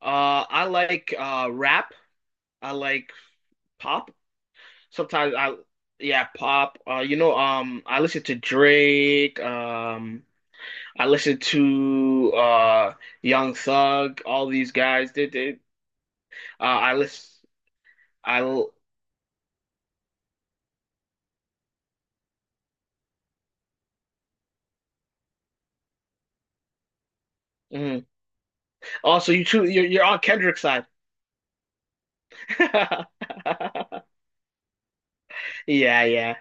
I like rap. I like pop. Sometimes I, yeah, pop. I listen to Drake. I listen to Young Thug. All these guys. They they. I listen. I l- Mm. Also, you too. You're on Kendrick's side. Yeah, yeah.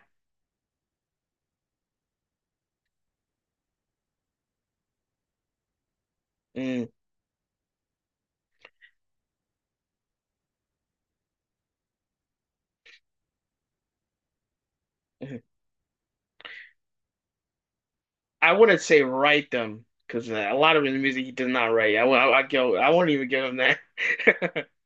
Mm, mhm. I wouldn't say write them because a lot of his music he does not write. I go. I won't even give him that.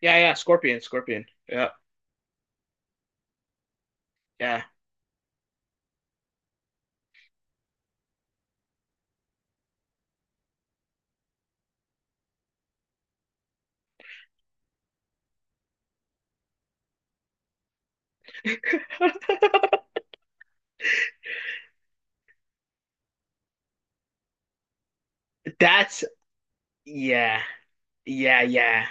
Yeah, yeah, Scorpion, Scorpion. Yeah, yeah. That's yeah, yeah, yeah.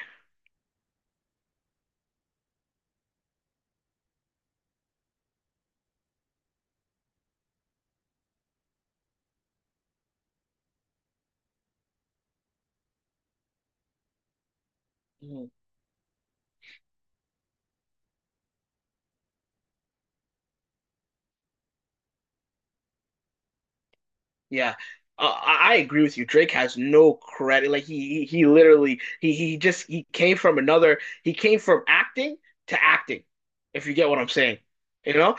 Mhm, yeah. I agree with you. Drake has no credit. Like he literally he just he came from another. He came from acting to acting. If you get what I'm saying, you know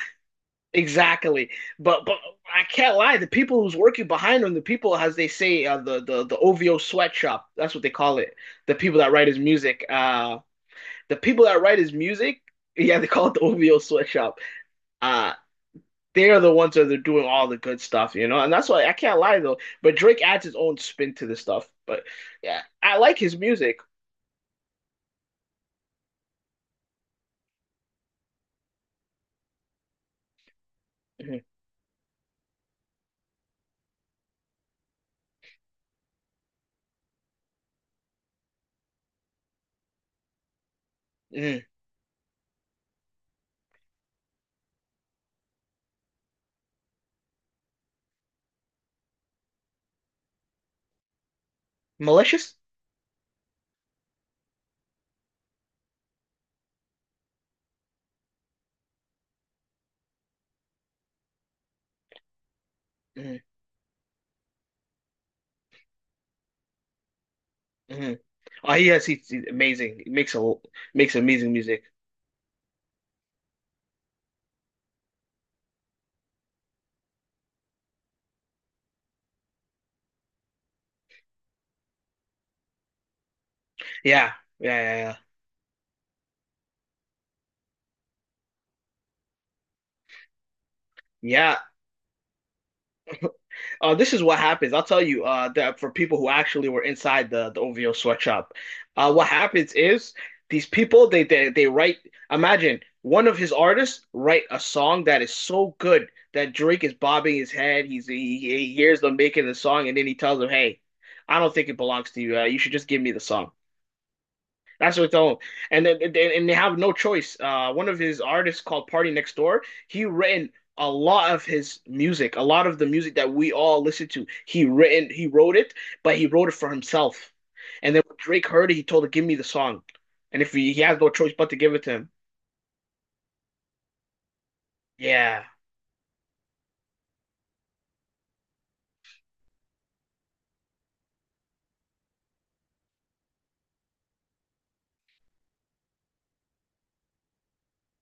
exactly. But I can't lie. The people who's working behind him, the people as they say, the the OVO sweatshop. That's what they call it. The people that write his music. The people that write his music, yeah, they call it the OVO sweatshop. Uh they are the ones that are doing all the good stuff, you know, and that's why I can't lie though. But Drake adds his own spin to the stuff. But yeah, I like his music. Mhm, mhm. Malicious. Mhm, mhm. Oh, he has he's amazing. He makes a Makes amazing music. Yeah, yeah, yeah, yeah. Yeah, this is what happens. I'll tell you that for people who actually were inside the OVO sweatshop, what happens is these people they write. Imagine one of his artists write a song that is so good that Drake is bobbing his head. He hears them making the song, and then he tells them, "Hey, I don't think it belongs to you. You should just give me the song." That's what's on, and then and they have no choice. One of his artists called Party Next Door. He written a lot of his music, a lot of the music that we all listen to. He wrote it, but he wrote it for himself. And then when Drake heard it, he told him, "Give me the song," and if he, he has no choice but to give it to him. Yeah.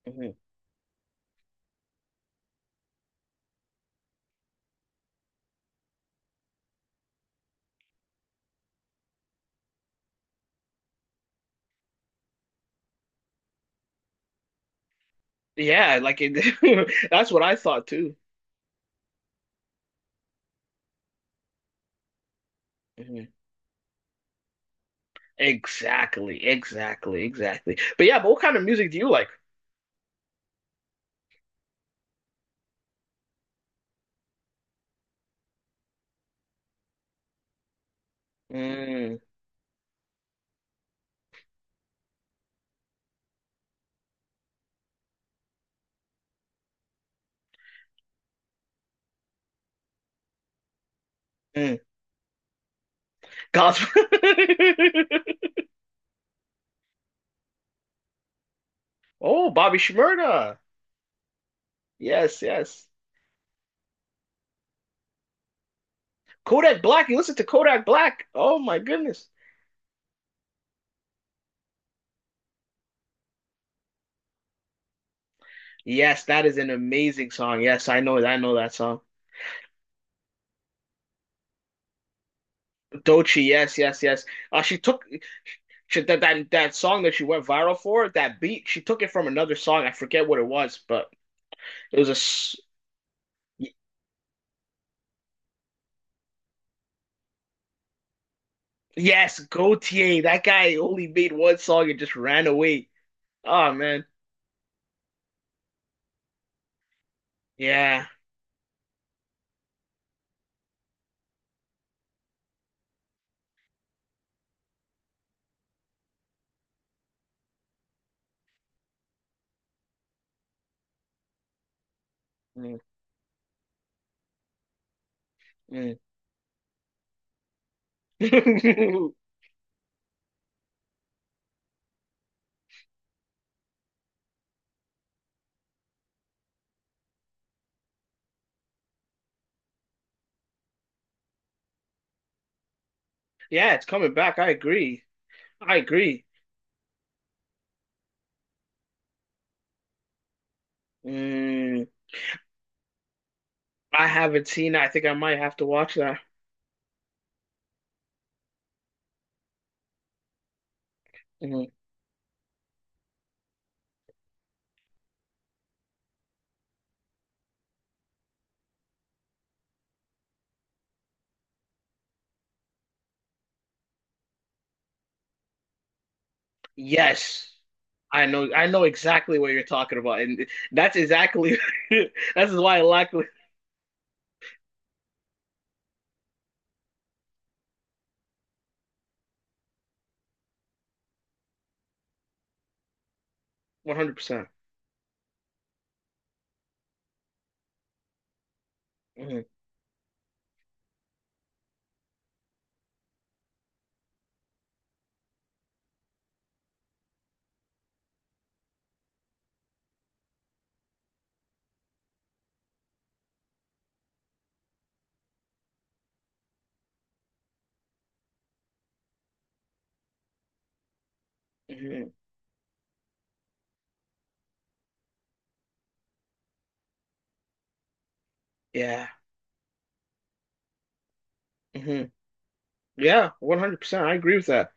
Mhm. Yeah, like it, that's what I thought too. Mhm. Exactly, exactly, exactly. But yeah, but what kind of music do you like? Mm, mm. Gospel. Oh, Bobby Shmurda. Yes, yes. Kodak Black. You listen to Kodak Black. Oh my goodness. Yes, that is an amazing song. Yes, I know that song. Doechii. Yes, yes, yes. Uh, she took that that song that she went viral for. That beat. She took it from another song. I forget what it was, but it was a. s- y- yes, Gaultier. That guy only made one song and just ran away. Oh man. Yeah. Mm, mm. Yeah, it's coming back. I agree. I agree. Mm, I haven't seen it. I think I might have to watch that. Mhm. Yes. I know exactly what you're talking about. And that's exactly that's why I like 100%. Hmm. Hmm. Yeah. Hmm. Yeah, 100%. I agree with that.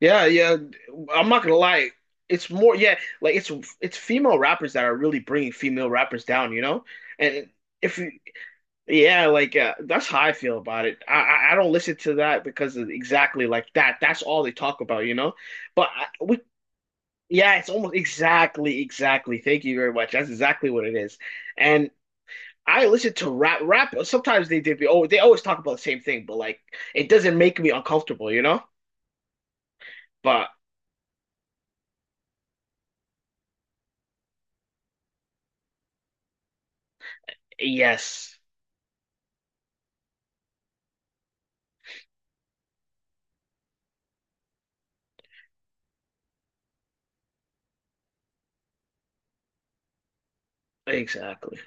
Yeah, yeah. I'm not gonna lie. It's more, yeah, like it's female rappers that are really bringing female rappers down, you know? And if Yeah, like that's how I feel about it. I don't listen to that because of exactly like that. That's all they talk about, you know. But I, we, yeah, it's almost exactly, exactly. Thank you very much. That's exactly what it is. And I listen to rap. Rap. Sometimes they did. Oh, they always talk about the same thing, but like it doesn't make me uncomfortable, you know. But yes, exactly.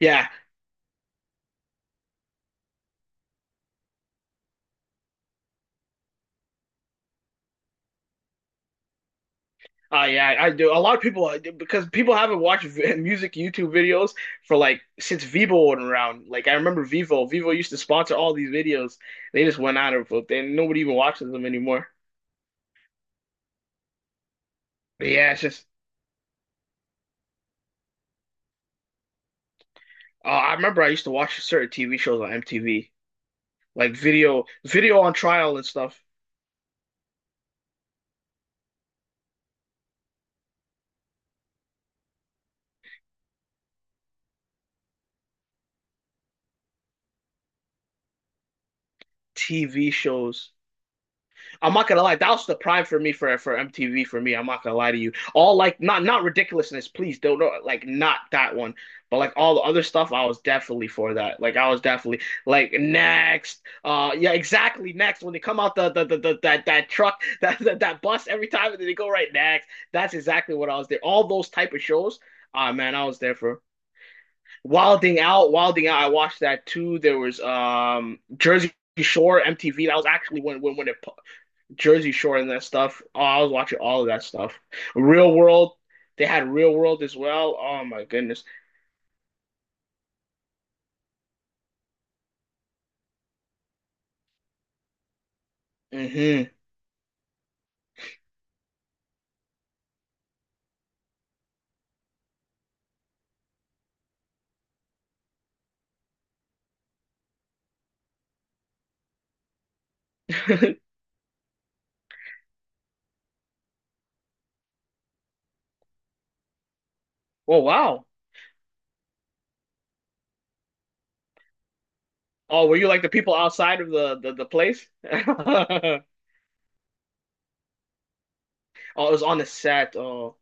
Yeah. Oh yeah, I do. A lot of people because people haven't watched v- music YouTube videos for like since Vivo went around. Like I remember Vivo. Vivo used to sponsor all these videos. They just went out of it, and nobody even watches them anymore. But yeah, it's just. I remember I used to watch certain TV shows on MTV, like video, video on trial and stuff. TV shows. I'm not gonna lie, that was the prime for me for MTV for me. I'm not gonna lie to you. All like not ridiculousness, please don't know, like not that one, but like all the other stuff, I was definitely for that. Like I was definitely like next, yeah, exactly next when they come out the that that truck that bus every time and then they go right next. That's exactly what I was there. All those type of shows, ah man, I was there for Wilding Out, Wilding Out. I watched that too. There was Jersey. Shore MTV. That was actually when it Jersey Shore and that stuff. Oh, I was watching all of that stuff. Real World, they had Real World as well. Oh my goodness. Hmm. Oh wow. Oh, were you like the people outside of the place? Oh, it was on the set. Oh,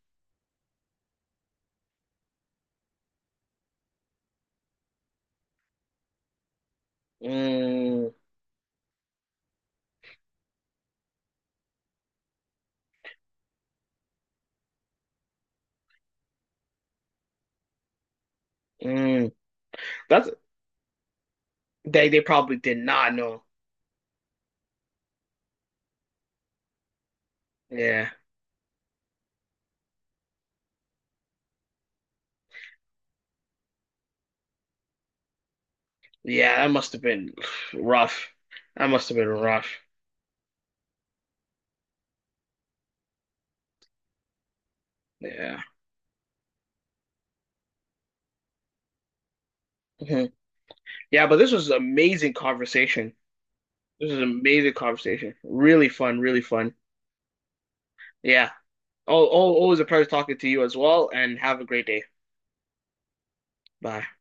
mm, mm. That's they probably did not know. Yeah, yeah. That must have been rough. That must have been rough. Yeah. Mhm. Yeah, but this was amazing conversation. This was an amazing conversation. Really fun, really fun. Yeah. Oh, oh, always a pleasure talking to you as well, and have a great day. Bye.